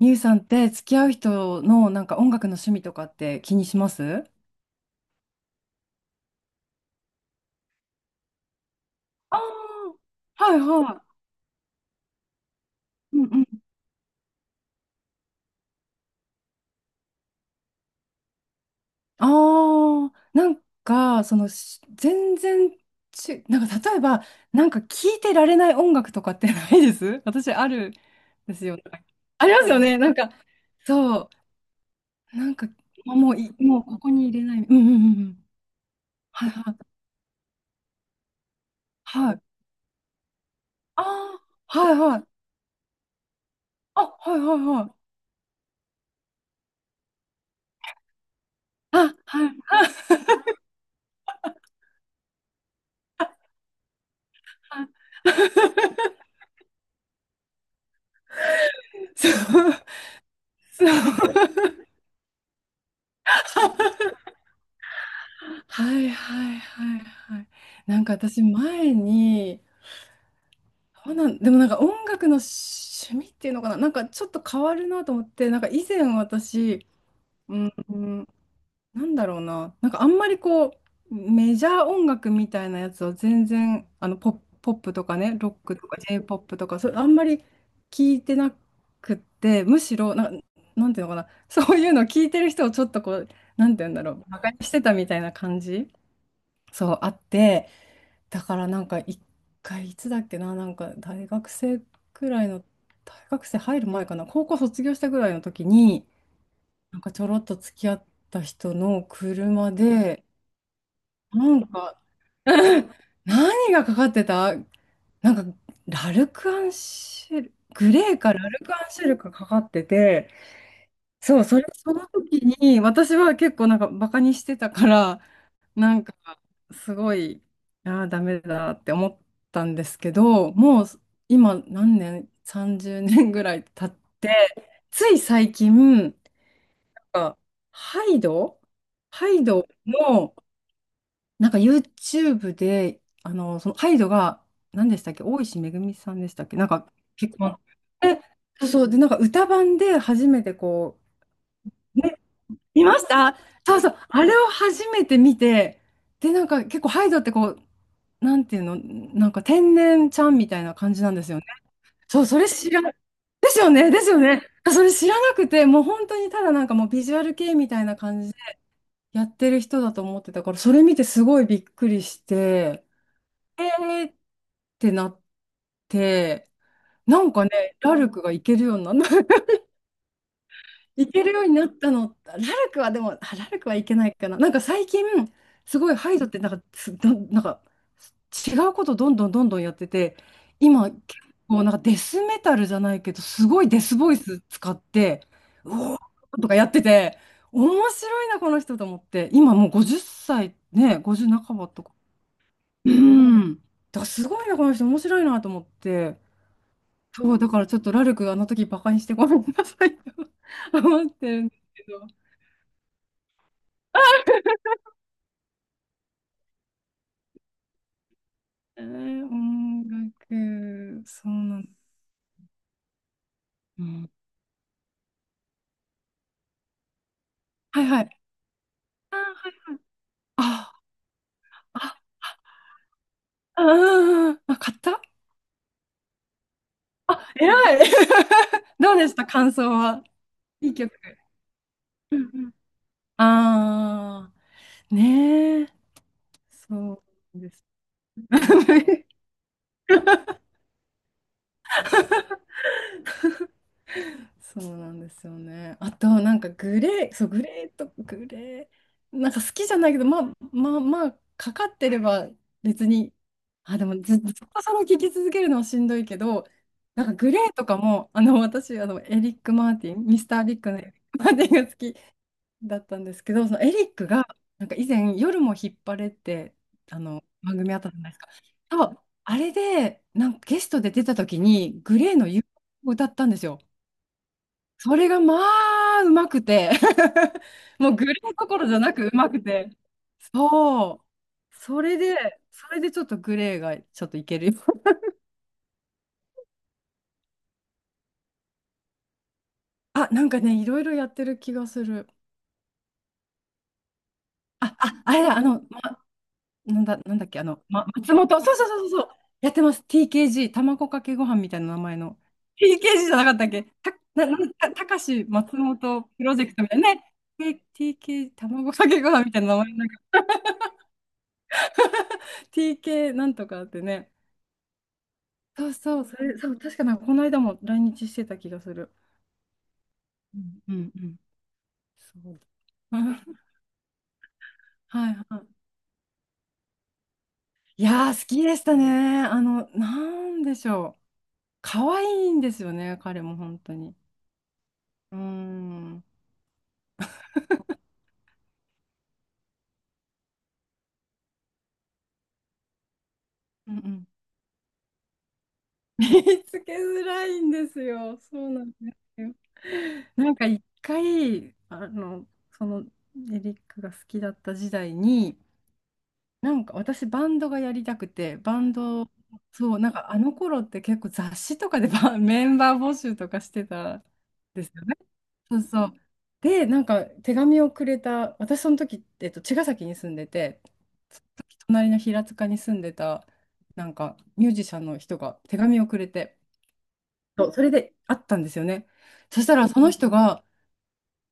ミュウさんって付き合う人のなんか音楽の趣味とかって気にします？ああー、はいはい。うんうん。ああ、なんかそのし全然ち、なんか例えばなんか聴いてられない音楽とかってないです？ 私あるんですよ。ありますよね。なんかそう、なんかもうここに入れない。うんうんうんうん。はいはい。はい。ああ、はいはい。あ、はいはいはい。あ、はい。あ はい。そう、そう。はいはいはいはい。なんか私前に、あなんでもなんか音楽の趣味っていうのかな、なんかちょっと変わるなと思って、なんか以前私、うん、なんだろうな、なんかあんまりこう、メジャー音楽みたいなやつを全然、あのポップとかね、ロックとか j ポップとか、それあんまり聞いてなくって、むしろな、なんていうのかな、そういうのを聞いてる人をちょっとこう、なんていうんだろう、馬鹿にしてたみたいな感じ、そうあって、だからなんか一回、いつだっけな、なんか大学生くらいの、大学生入る前かな、高校卒業したぐらいの時に、なんかちょろっと付き合った人の車で、なんか、うん、何がかかってたなんか、ラルクアンシェル、グレーかラルクアンシェルかかかってて、そう、それ、その時に、私は結構なんかバカにしてたから、なんか、すごい、ああ、ダメだって思ったんですけど、もう、今、何年、30年ぐらい経って、つい最近、なんかハイドハイドの、なんか YouTube で、あの、そのハイドが、何でしたっけ、大石めぐみさんでしたっけ、なんか結婚。え、そうそう、で、なんか歌版で初めてこう、ね、見ました。そうそう、あれを初めて見て、で、なんか結構ハイドってこう、なんていうの、なんか天然ちゃんみたいな感じなんですよね。そう、それ知ら、ですよね、ですよね。それ知らなくて、もう本当にただなんかもうビジュアル系みたいな感じでやってる人だと思ってたから、それ見てすごいびっくりして。えーってなって、なんかね、ラルクがいけるようになった。いけるようになったの。ラルクはでも、あラルクはいけないかな。なんか最近、すごいハイドってなんか、つな、なんか違うことどんどんどんどんやってて、今結構なんかデスメタルじゃないけど、すごいデスボイス使って、うおーとかやってて、面白いな、この人と思って。今もう50歳、ね、50半ばとか。うん。だからすごいな、この人面白いなと思って。そう、だからちょっとラルクあの時バカにしてごめんなさいと 思ってるんですけど。えー、音楽、そうなん、うん。はいはい。あー、はいはい。あー、あ、あー、あ、買った？あ、偉い。 どうでした感想は？いい曲。うんうん。あー、ねえ、そうです。そうなんですよね。あと、なんかグレー、そう、グレーとグレー、なんか好きじゃないけど、まあまあまあ、かかってれば別に、あ、でもずっとそれを聞き続けるのはしんどいけど、なんかグレーとかも、あの、私、あの、エリック・マーティン、ミスター・ビッグのエリック・マーティンが好きだったんですけど、そのエリックが、なんか以前、夜も引っ張れって番組あったじゃないですか。そう、あれで、なんかゲストで出た時に、グレーの夕方を歌ったんですよ。それがまあ、うまくて もうグレーどころじゃなくうまくて。そう。それでちょっとグレーがちょっといけるよ。あ、なんかね、いろいろやってる気がする。あ、あ、あれだ、あの、まなんだ、なんだっけ、あの、松本、そうそうそうそうそう、やってます。TKG、卵かけご飯みたいな名前の。TKG じゃなかったっけた、な、な、た、たかし松本プロジェクトみたいなね。T- TK、卵かけご飯みたいな名前なんか、TK なんとかってね。そうそう、それ、そう、確かなんかこの間も来日してた気がする。うんうんうん。そう。はいはい。いやー、好きでしたね。あの、なんでしょう。可愛いんですよね、彼も本当に。うーん。うんうん。見つけづらいんですよ。そうなんですよ。なんか一回、あの、そのエリックが好きだった時代に、なんか私バンドがやりたくて、バンド、そう、なんかあの頃って結構雑誌とかでバン メンバー募集とかしてたんですよね。そうそう。で、なんか手紙をくれた、私その時、茅ヶ崎に住んでて、その時隣の平塚に住んでた、なんかミュージシャンの人が手紙をくれて、そうそれで会ったんですよね。そしたらその人が、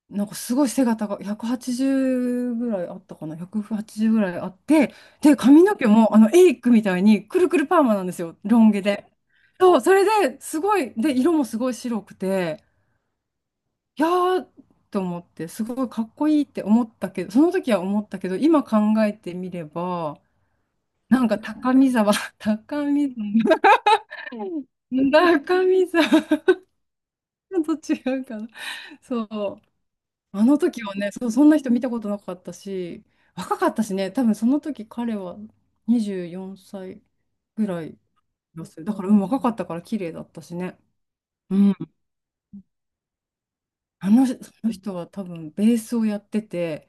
なんかすごい背が高い、180ぐらいあったかな、180ぐらいあって、で、髪の毛もあのエイクみたいにくるくるパーマなんですよ、ロン毛で。そう、それですごい、で、色もすごい白くて、いやーと思って、すごいかっこいいって思ったけど、その時は思ったけど、今考えてみれば、なんか高見沢、高見沢、高見沢と違うかな。そう。あの時はね、そう、そんな人見たことなかったし、若かったしね、多分その時彼は24歳ぐらいだする。だから、うん、若かったから綺麗だったしね。うん。あの、その人は多分ベースをやってて、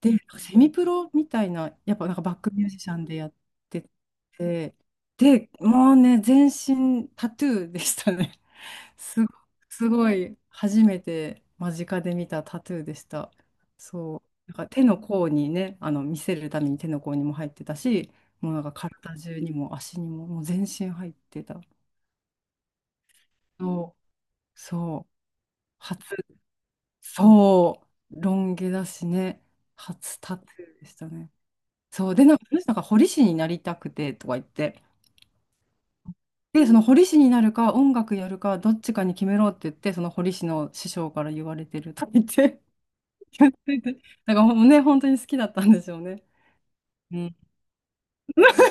で、セミプロみたいな、やっぱなんかバックミュージシャンでやってて、で、もうね、全身タトゥーでしたね。すご、すごい初めて間近で見たタトゥーでした。そう。なんか手の甲にね、あの見せるために手の甲にも入ってたし、もうなんか体中にも足にも、もう全身入ってた。そう、そう、初、そう、ロン毛だしね、初タトゥーでしたね。そう、で、なんか、その人が彫り師になりたくてとか言って、で、その彫り師になるか、音楽やるか、どっちかに決めろって言って、その彫り師の師匠から言われてるとか言ってなんかもうね、本当に好きだったんでしょうね。うん。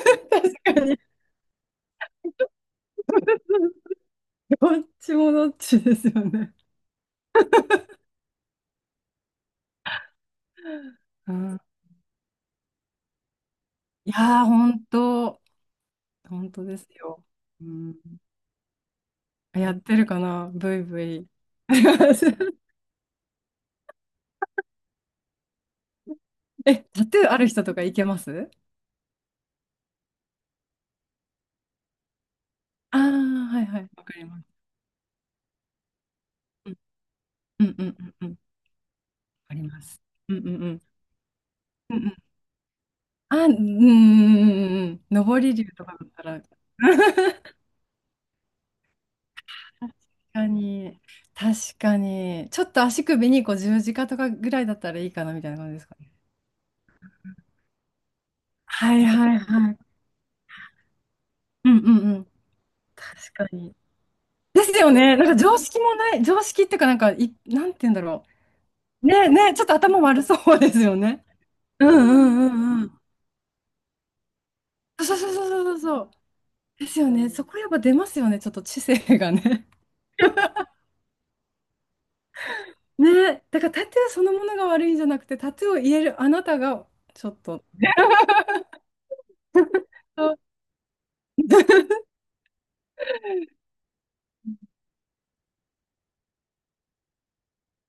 確かに。どっちもどっちですよね。うん。いやー、本当、本当ですよ。うん。やってるかな、ブイブイ。え、タトゥーある人とかいけます？ああー、はいはい、わかります。うんうんうんうんうん、わかります。うんうんうん。うんうん。あ、うんうんうんうんうん。上り竜とかだったら。確かに、確かに、ちょっと足首にこう十字架とかぐらいだったらいいかなみたいな感じですかね。はいはいはい。うんうんうん。確かに。ですよね。なんか常識もない、常識っていうか、なんかい、なんて言うんだろう。ねえねえ、ちょっと頭悪そうですよね。うんうんうんうん。そうそうそうそうそうそう。ですよね。そこやっぱ出ますよね。ちょっと知性がね。ねえ、だからタトゥーそのものが悪いんじゃなくて、タトゥーを言えるあなたがちょっと。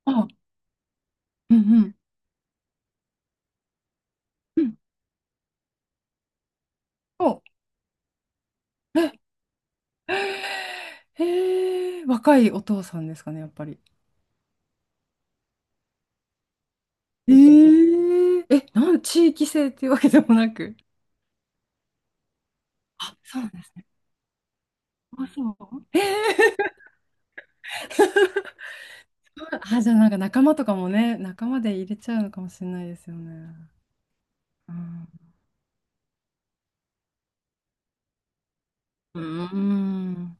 あ、うんうんうん。お、え、へえ、若いお父さんですかね、やっぱり。えええ、地域性っていうわけでもなく。あ、そうなんですね。あ、そう。ええ あ、じゃあなんか仲間とかもね、仲間で入れちゃうのかもしれないですよね。うん。うーん